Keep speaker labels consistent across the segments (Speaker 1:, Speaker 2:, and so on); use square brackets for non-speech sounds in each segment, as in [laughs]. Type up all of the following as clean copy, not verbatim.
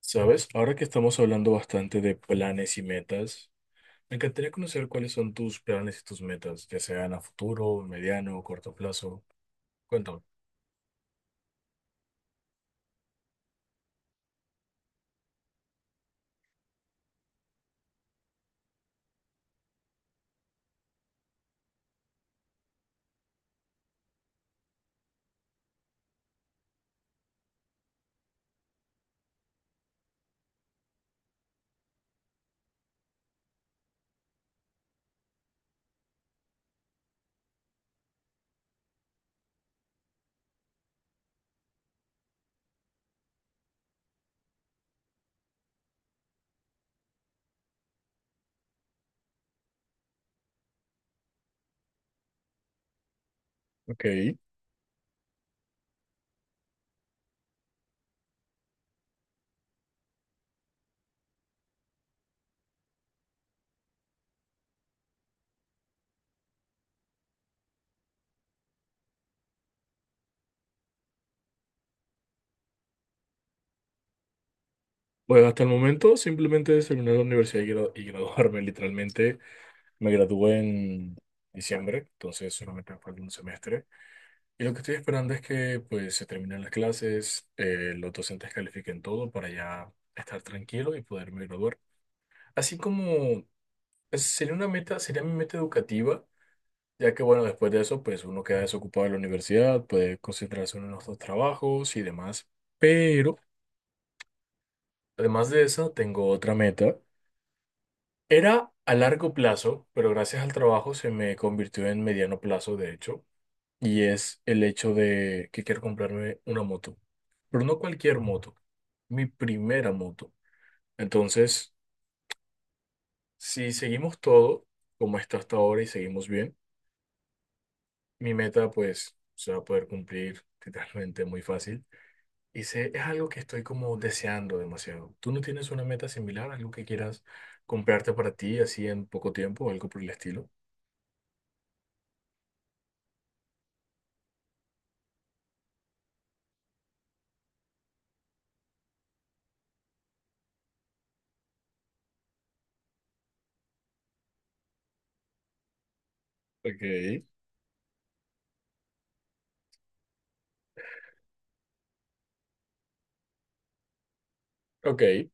Speaker 1: Sabes, ahora que estamos hablando bastante de planes y metas, me encantaría conocer cuáles son tus planes y tus metas, ya sean a futuro, mediano o corto plazo. Cuéntame. Ok. Bueno, hasta el momento simplemente es terminar la universidad y, y graduarme, [laughs] literalmente. Me gradué en diciembre, entonces solamente me falta un semestre. Y lo que estoy esperando es que pues se terminen las clases, los docentes califiquen todo para ya estar tranquilo y poderme graduar. Así como Sería una meta, sería mi meta educativa. Ya que bueno, después de eso, pues uno queda desocupado de la universidad, puede concentrarse en otros trabajos y demás. Pero, además de esa, tengo otra meta. Era a largo plazo, pero gracias al trabajo se me convirtió en mediano plazo, de hecho, y es el hecho de que quiero comprarme una moto. Pero no cualquier moto, mi primera moto. Entonces, si seguimos todo como está hasta ahora y seguimos bien, mi meta pues se va a poder cumplir literalmente muy fácil. Y sé, es algo que estoy como deseando demasiado. ¿Tú no tienes una meta similar, algo que quieras comprarte para ti así en poco tiempo o algo por el estilo? Ok. Ok.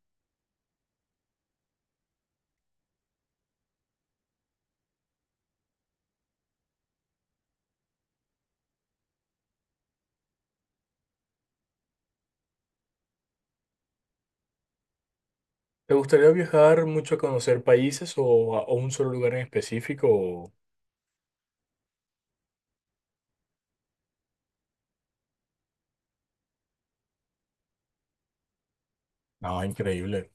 Speaker 1: ¿Te gustaría viajar mucho a conocer países o a, o un solo lugar en específico? No, increíble.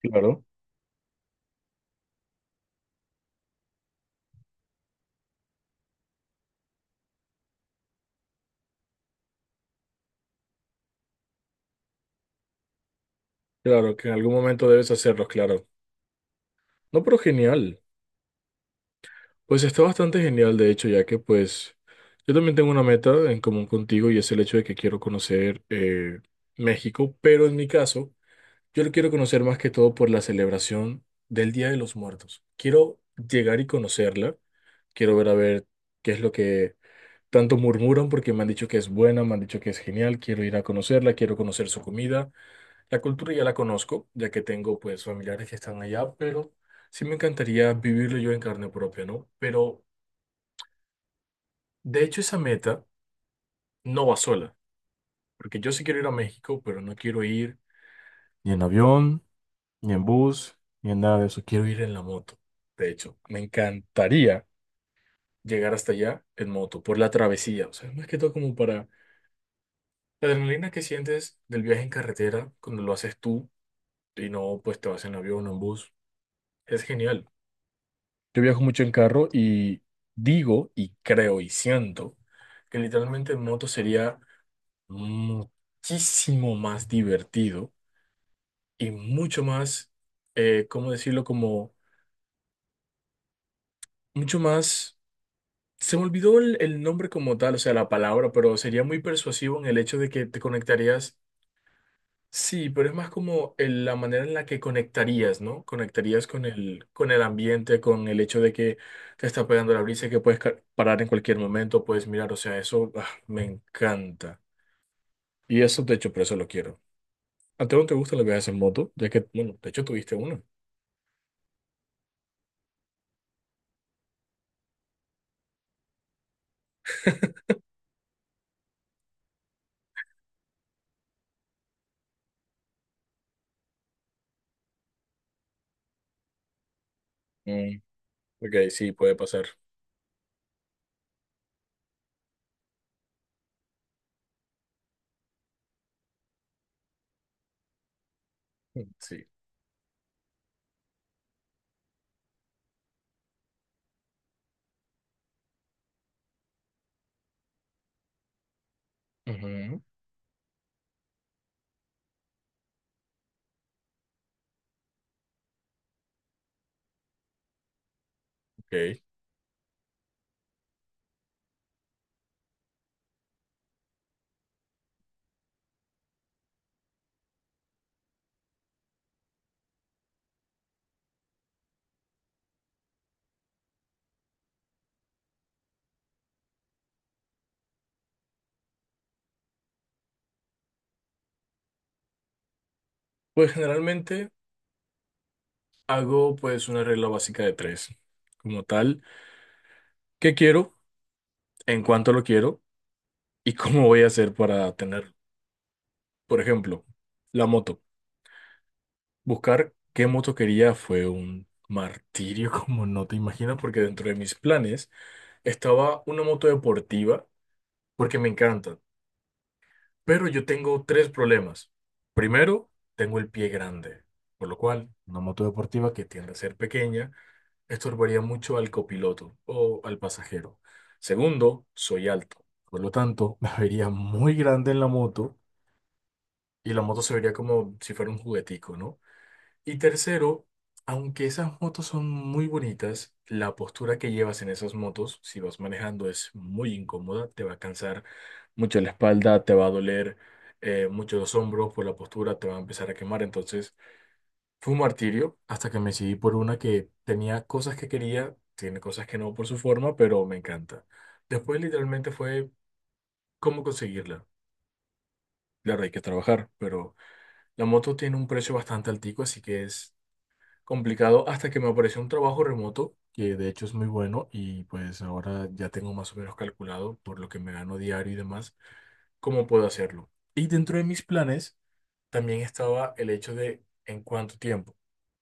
Speaker 1: Claro, claro, que en algún momento debes hacerlos, claro. No, pero genial. Pues está bastante genial, de hecho, ya que pues yo también tengo una meta en común contigo y es el hecho de que quiero conocer México, pero en mi caso Yo lo quiero conocer más que todo por la celebración del Día de los Muertos. Quiero llegar y conocerla. Quiero ver a ver qué es lo que tanto murmuran porque me han dicho que es buena, me han dicho que es genial. Quiero ir a conocerla, quiero conocer su comida. La cultura ya la conozco, ya que tengo pues familiares que están allá, pero sí me encantaría vivirlo yo en carne propia, ¿no? Pero de hecho esa meta no va sola, porque yo sí quiero ir a México, pero no quiero ir ni en avión, ni en bus, ni en nada de eso. Quiero ir en la moto. De hecho, me encantaría llegar hasta allá en moto, por la travesía. O sea, más que todo como para la adrenalina que sientes del viaje en carretera cuando lo haces tú y no pues te vas en avión o en bus. Es genial. Yo viajo mucho en carro y digo y creo y siento que literalmente en moto sería muchísimo más divertido y mucho más, ¿cómo decirlo? Como mucho más. Se me olvidó el nombre como tal, o sea, la palabra, pero sería muy persuasivo en el hecho de que te conectarías. Sí, pero es más como la manera en la que conectarías, ¿no? Conectarías con el ambiente, con el hecho de que te está pegando la brisa y que puedes parar en cualquier momento, puedes mirar, o sea, eso ah, me encanta. Y eso, de hecho, por eso lo quiero. ¿A ti no te gustan los viajes en moto? Ya que, bueno, de hecho tuviste uno. Mm, ok, sí, puede pasar. Sí. Ujú, ok. Pues generalmente. Hago pues una regla básica de tres, como tal, qué quiero, en cuánto lo quiero y cómo voy a hacer para tenerlo. Por ejemplo, la moto. Buscar qué moto quería fue un martirio [laughs] como no te imaginas, porque dentro de mis planes estaba una moto deportiva, porque me encanta. Pero yo tengo tres problemas. Primero, tengo el pie grande, por lo cual una moto deportiva que tiende a ser pequeña estorbaría mucho al copiloto o al pasajero. Segundo, soy alto. Por lo tanto, [laughs] me vería muy grande en la moto y la moto se vería como si fuera un juguetico, ¿no? Y tercero, aunque esas motos son muy bonitas, la postura que llevas en esas motos, si vas manejando, es muy incómoda, te va a cansar mucho la espalda, te va a doler mucho los hombros por la postura, te va a empezar a quemar. Entonces, fue un martirio hasta que me decidí por una que tenía cosas que quería, tiene cosas que no por su forma, pero me encanta. Después literalmente fue cómo conseguirla. Claro, hay que trabajar, pero la moto tiene un precio bastante altico, así que es complicado hasta que me apareció un trabajo remoto, que de hecho es muy bueno y pues ahora ya tengo más o menos calculado por lo que me gano diario y demás, cómo puedo hacerlo. Y dentro de mis planes también estaba el hecho de en cuánto tiempo.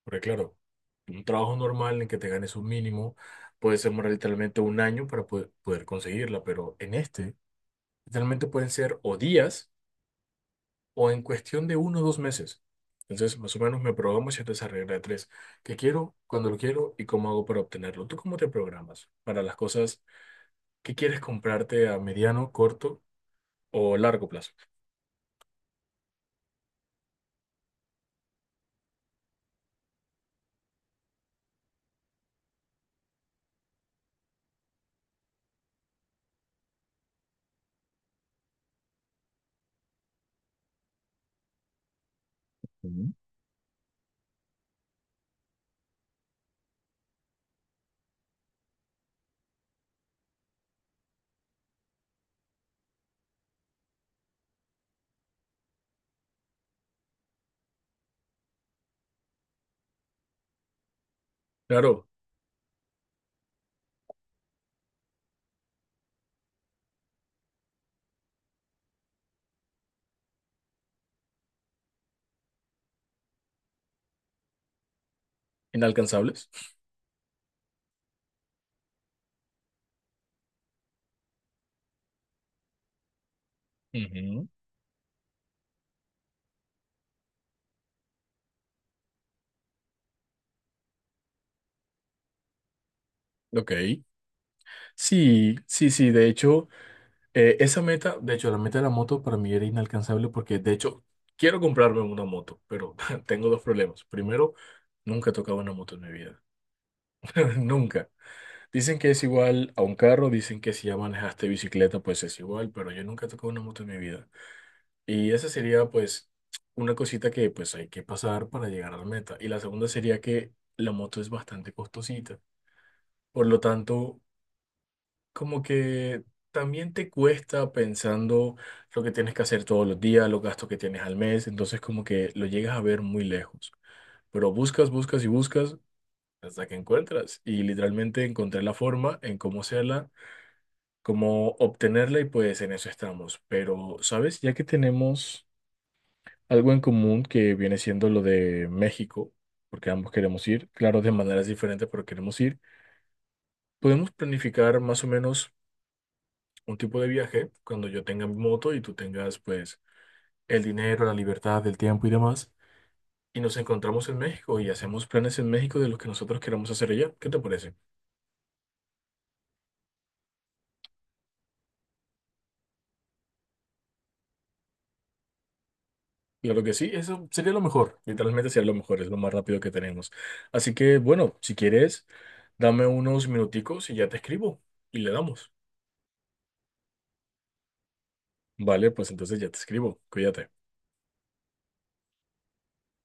Speaker 1: Porque claro, un trabajo normal en que te ganes un mínimo puede ser más literalmente un año para poder conseguirla, pero en este literalmente pueden ser o días o en cuestión de uno o dos meses. Entonces, más o menos me programo siempre esa regla de tres. ¿Qué quiero? ¿Cuando lo quiero? ¿Y cómo hago para obtenerlo? ¿Tú cómo te programas para las cosas que quieres comprarte a mediano, corto o largo plazo? Ujú. Claro. Inalcanzables. Ujú. Ok. Sí, sí, sí, de hecho, esa meta, de hecho, la meta de la moto para mí era inalcanzable porque, de hecho, quiero comprarme una moto, pero [laughs] tengo dos problemas. Primero, nunca he tocado una moto en mi vida, [laughs] nunca. Dicen que es igual a un carro, dicen que si ya manejaste bicicleta, pues es igual, pero yo nunca he tocado una moto en mi vida. Y esa sería, pues, una cosita que, pues, hay que pasar para llegar a la meta. Y la segunda sería que la moto es bastante costosita. Por lo tanto, como que también te cuesta pensando lo que tienes que hacer todos los días, los gastos que tienes al mes, entonces como que lo llegas a ver muy lejos, pero buscas, buscas y buscas hasta que encuentras y literalmente encontré la forma en cómo hacerla, cómo obtenerla y pues en eso estamos. Pero, ¿sabes? Ya que tenemos algo en común que viene siendo lo de México, porque ambos queremos ir, claro, de maneras diferentes, pero queremos ir. Podemos planificar más o menos un tipo de viaje cuando yo tenga mi moto y tú tengas pues el dinero, la libertad, el tiempo y demás. Y nos encontramos en México y hacemos planes en México de lo que nosotros queramos hacer allá. ¿Qué te parece? Claro que sí, eso sería lo mejor. Literalmente sería lo mejor, es lo más rápido que tenemos. Así que bueno, si quieres, dame unos minuticos y ya te escribo y le damos. Vale, pues entonces ya te escribo. Cuídate.